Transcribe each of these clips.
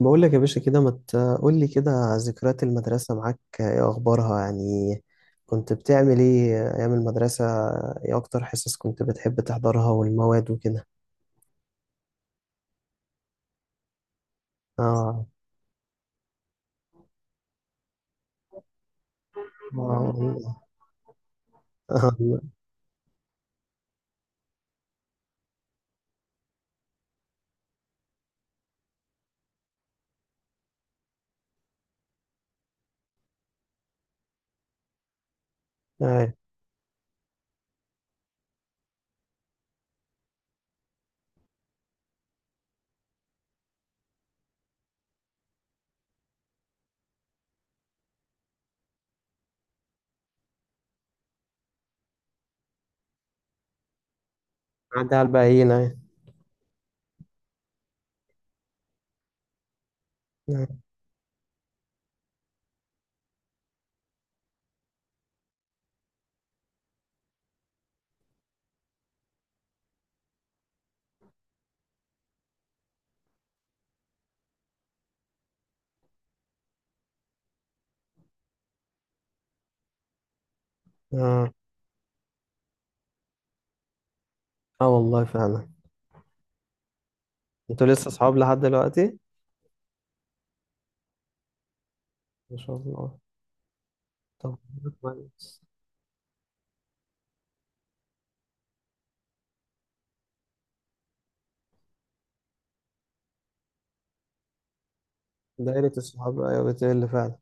بقول لك يا باشا كده، ما تقول لي كده. ذكريات المدرسة معاك، ايه اخبارها يعني؟ كنت بتعمل ايه ايام المدرسة؟ ايه اكتر حصص كنت بتحب تحضرها والمواد وكده؟ اه. اه. آه. آه. عدى على الباقيين اهي. اه. اه. آه، والله فعلا. انتوا لسه اصحاب لحد دلوقتي؟ ما شاء الله. طب. كويس. دايرة الصحاب، ايوه بتقل فعلا.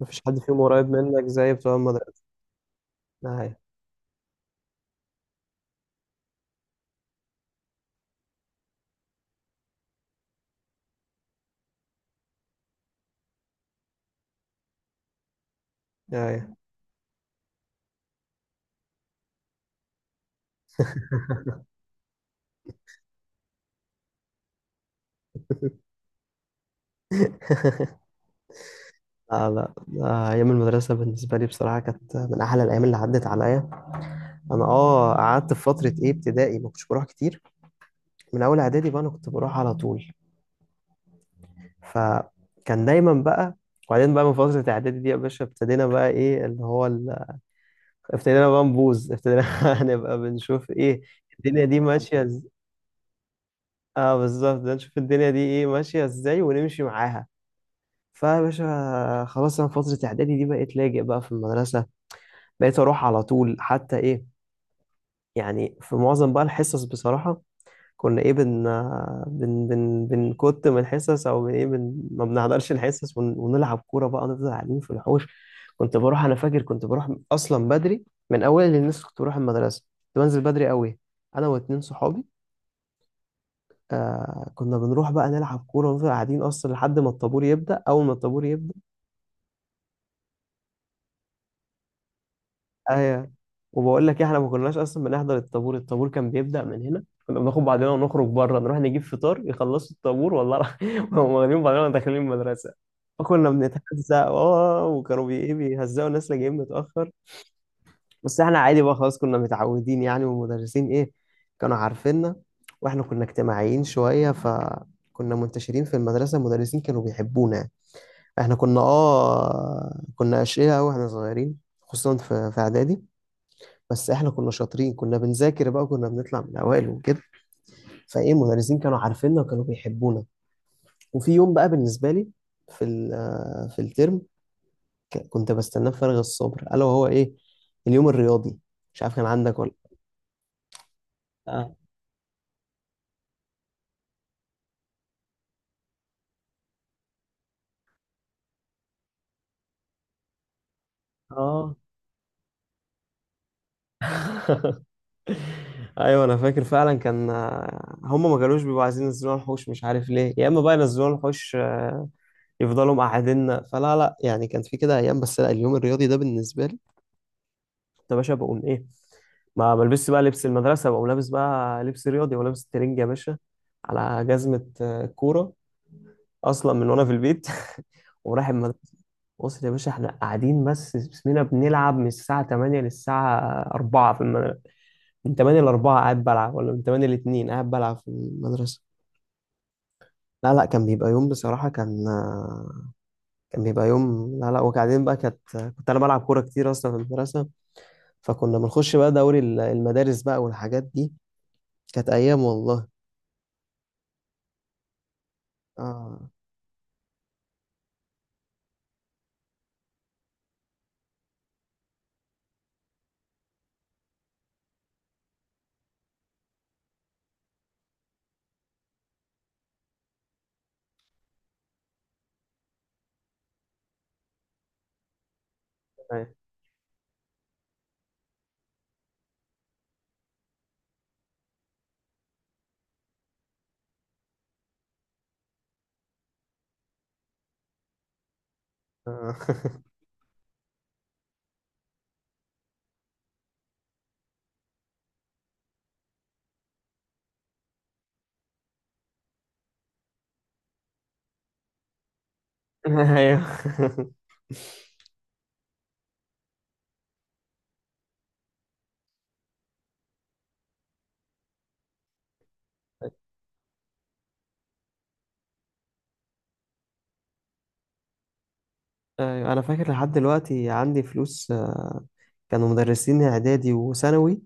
مفيش حد فيهم قريب منك زي بتوع المدرسة؟ ايوه، ايوه. لا، لا، لا، أيام المدرسة بالنسبة لي بصراحة كانت من أحلى الأيام اللي عدت عليا. أنا أه قعدت في فترة إيه ابتدائي، ما كنتش بروح كتير. من أول إعدادي بقى أنا كنت بروح على طول، فكان دايما بقى. وبعدين بقى من فترة إعدادي دي يا باشا ابتدينا بقى إيه ابتدينا بقى نبوظ، ابتدينا نبقى بنشوف إيه الدنيا دي ماشية أه بالظبط، ده نشوف الدنيا دي إيه ماشية إزاي ونمشي معاها. فيا باشا خلاص أنا فترة إعدادي دي بقيت لاجئ بقى في المدرسة، بقيت أروح على طول، حتى إيه يعني في معظم بقى الحصص بصراحة كنا ايه بن بن بن بنكت من الحصص، او ايه ما بنحضرش الحصص ونلعب كورة بقى، نفضل قاعدين في الحوش. كنت بروح، انا فاكر كنت بروح اصلا بدري من اول الناس، كنت بروح المدرسة كنت بنزل بدري قوي انا واتنين صحابي. آه، كنا بنروح بقى نلعب كورة ونفضل قاعدين اصلا لحد ما الطابور يبدأ. اول ما الطابور يبدأ، ايوه. وبقول لك إيه، احنا ما كناش اصلا بنحضر الطابور. الطابور كان بيبدأ من هنا، كنا بناخد بعضنا ونخرج بره نروح نجيب فطار، يخلصوا الطابور والله العظيم، وهم واخدين بعضنا داخلين المدرسه. فكنا بنتهزق، اه، وكانوا بي إيه بيهزقوا الناس اللي جايين متأخر. بس احنا عادي بقى خلاص، كنا متعودين يعني، والمدرسين ايه كانوا عارفيننا، واحنا كنا اجتماعيين شوية فكنا منتشرين في المدرسة، المدرسين كانوا بيحبونا يعني. احنا كنا اه كنا أشقياء أوي واحنا صغيرين، خصوصا في إعدادي. بس احنا كنا شاطرين، كنا بنذاكر بقى، كنا بنطلع من الاوائل وكده، فايه المدرسين كانوا عارفيننا وكانوا بيحبونا. وفي يوم بقى بالنسبه لي، في ال- آه، في الترم، كنت بستناه بفارغ الصبر، الا وهو ايه، اليوم الرياضي. مش عارف كان عندك ولا؟ اه. اه. ايوه انا فاكر فعلا، كان آه، هم ما كانوش بيبقوا عايزين ينزلونا الحوش، مش عارف ليه، يا اما بقى ينزلونا الحوش يفضلوا مقعديننا، فلا لا يعني كان في كده ايام. بس لا، اليوم الرياضي ده بالنسبه لي يا باشا بقوم ايه، ما بلبسش بقى لبس المدرسه، بقوم لابس بقى لبس رياضي ولابس ترنج يا باشا، على جزمه كوره، اصلا من وانا في البيت. ورايح المدرسه، وصل يا باشا احنا قاعدين بس بسمنا بنلعب من الساعه 8 للساعه 4 في المدرسه، من 8 ل 4 قاعد بلعب، ولا من 8 ل 2 قاعد بلعب في المدرسه؟ لا لا، كان بيبقى يوم بصراحه، كان بيبقى يوم، لا لا. وبعدين بقى، كنت انا بلعب كوره كتير اصلا في المدرسه، فكنا بنخش بقى دوري المدارس بقى والحاجات دي. كانت أيام والله. آه. أيوة. آه. أيوة، أيوة، أنا فاكر لحد دلوقتي عندي فلوس آه، كانوا مدرسين إعدادي وثانوي،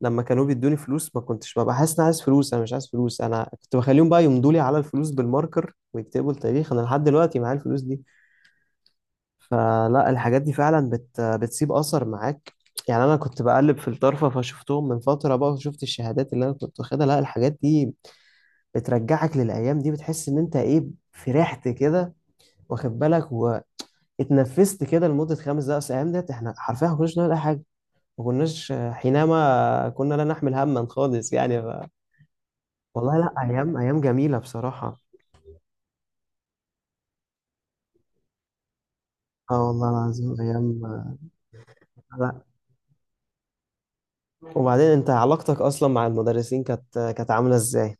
لما كانوا بيدوني فلوس ما كنتش ببقى حاسس إن أنا عايز فلوس، أنا مش عايز فلوس، أنا كنت بخليهم بقى يمضوا لي على الفلوس بالماركر ويكتبوا التاريخ. أنا لحد دلوقتي معايا الفلوس دي. فلا الحاجات دي فعلا بتسيب أثر معاك يعني. أنا كنت بقلب في الطرفة فشفتهم من فترة بقى، وشفت الشهادات اللي أنا كنت واخدها. لا، الحاجات دي بترجعك للأيام دي، بتحس إن أنت إيه فرحت كده، واخد بالك، واتنفست كده لمدة خمس دقايق. أصل الأيام ديت إحنا حرفيا ما كناش نعمل أي حاجة، ما كناش حينما كنا لا نحمل هما خالص يعني والله لا، أيام، أيام جميلة بصراحة. اه والله العظيم أيام. لا، وبعدين أنت علاقتك أصلا مع المدرسين كانت عاملة إزاي؟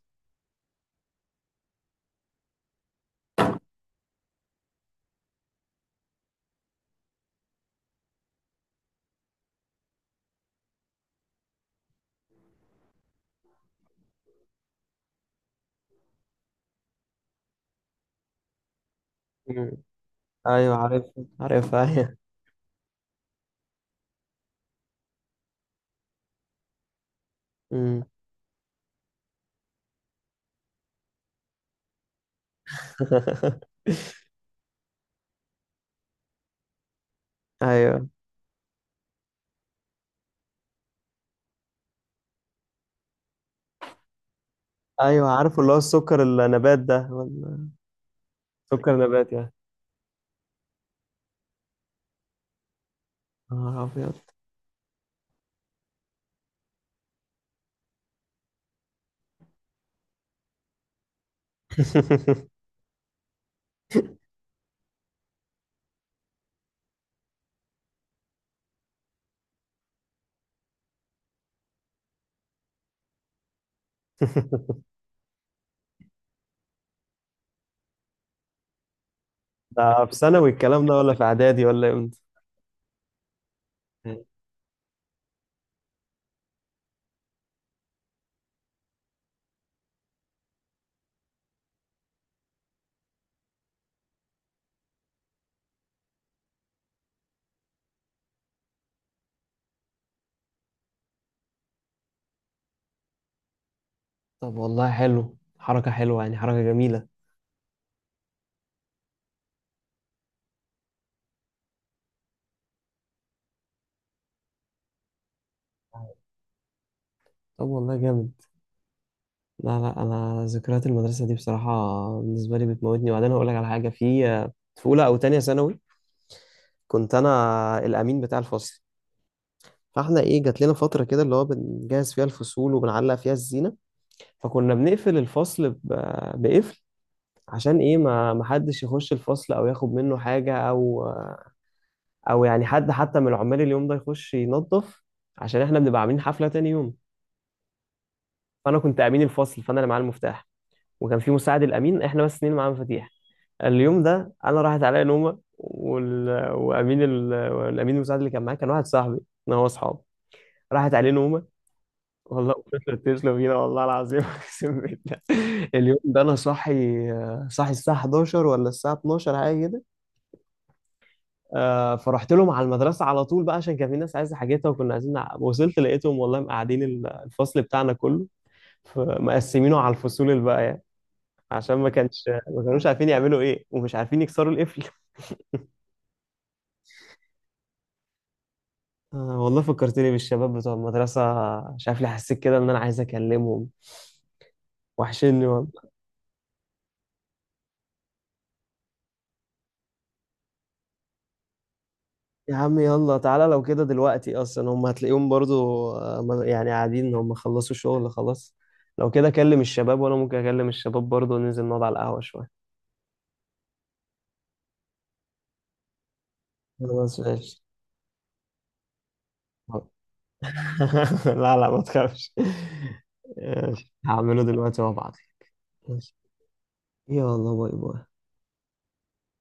مم. أيوه، عارف. عارف، أيوه. مم. ايوه، ايوه، عارف اللي هو السكر النبات ده ولا؟ سكر نبات يعني. يا نهار أبيض. ده في ثانوي الكلام ده، ولا في اعدادي، ولا امتى؟ طب والله حلو، حركة حلوة يعني، حركة جميلة. طب والله جامد. لا لا، انا ذكريات المدرسة دي بصراحة بالنسبة لي بتموتني. وبعدين هقول لك على حاجة، في في اولى او تانية ثانوي كنت انا الامين بتاع الفصل. فاحنا ايه جات لنا فترة كده اللي هو بنجهز فيها الفصول وبنعلق فيها الزينة، فكنا بنقفل الفصل بقفل، عشان ايه ما حدش يخش الفصل او ياخد منه حاجة، او او يعني حد حتى من العمال اليوم ده يخش ينظف، عشان احنا بنبقى عاملين حفله تاني يوم. فانا كنت امين الفصل، فانا اللي معايا المفتاح، وكان في مساعد الامين، احنا بس اتنين معانا مفاتيح. اليوم ده انا راحت عليا نومه، وامين الامين المساعد اللي كان معايا، كان واحد صاحبي انا، هو اصحاب، راحت عليه نومه. والله تسلم تسلم بينا والله العظيم، اقسم بالله. اليوم ده انا صاحي، صاحي الساعه 11 ولا الساعه 12 حاجه كده. آه، فرحت لهم على المدرسه على طول بقى عشان كان في ناس عايزه حاجتها، وكنا عايزين وصلت لقيتهم والله مقعدين الفصل بتاعنا كله، مقسمينه على الفصول الباقيه، عشان ما كانوش عارفين يعملوا ايه، ومش عارفين يكسروا القفل. آه، والله فكرتني بالشباب بتوع المدرسه، مش عارف ليه حسيت كده ان انا عايز اكلمهم، وحشني والله. يا عم يلا تعالى، لو كده دلوقتي اصلا هم هتلاقيهم برضو آه، ما- يعني قاعدين هم خلصوا شغل خلاص. لو كده اكلم الشباب، وانا ممكن اكلم الشباب برضو، ننزل نقعد على القهوه شويه. خلاص ماشي. آه. لا لا، ما تخافش. ماشي، هعمله دلوقتي وابعتلك. ماشي. يلا باي باي.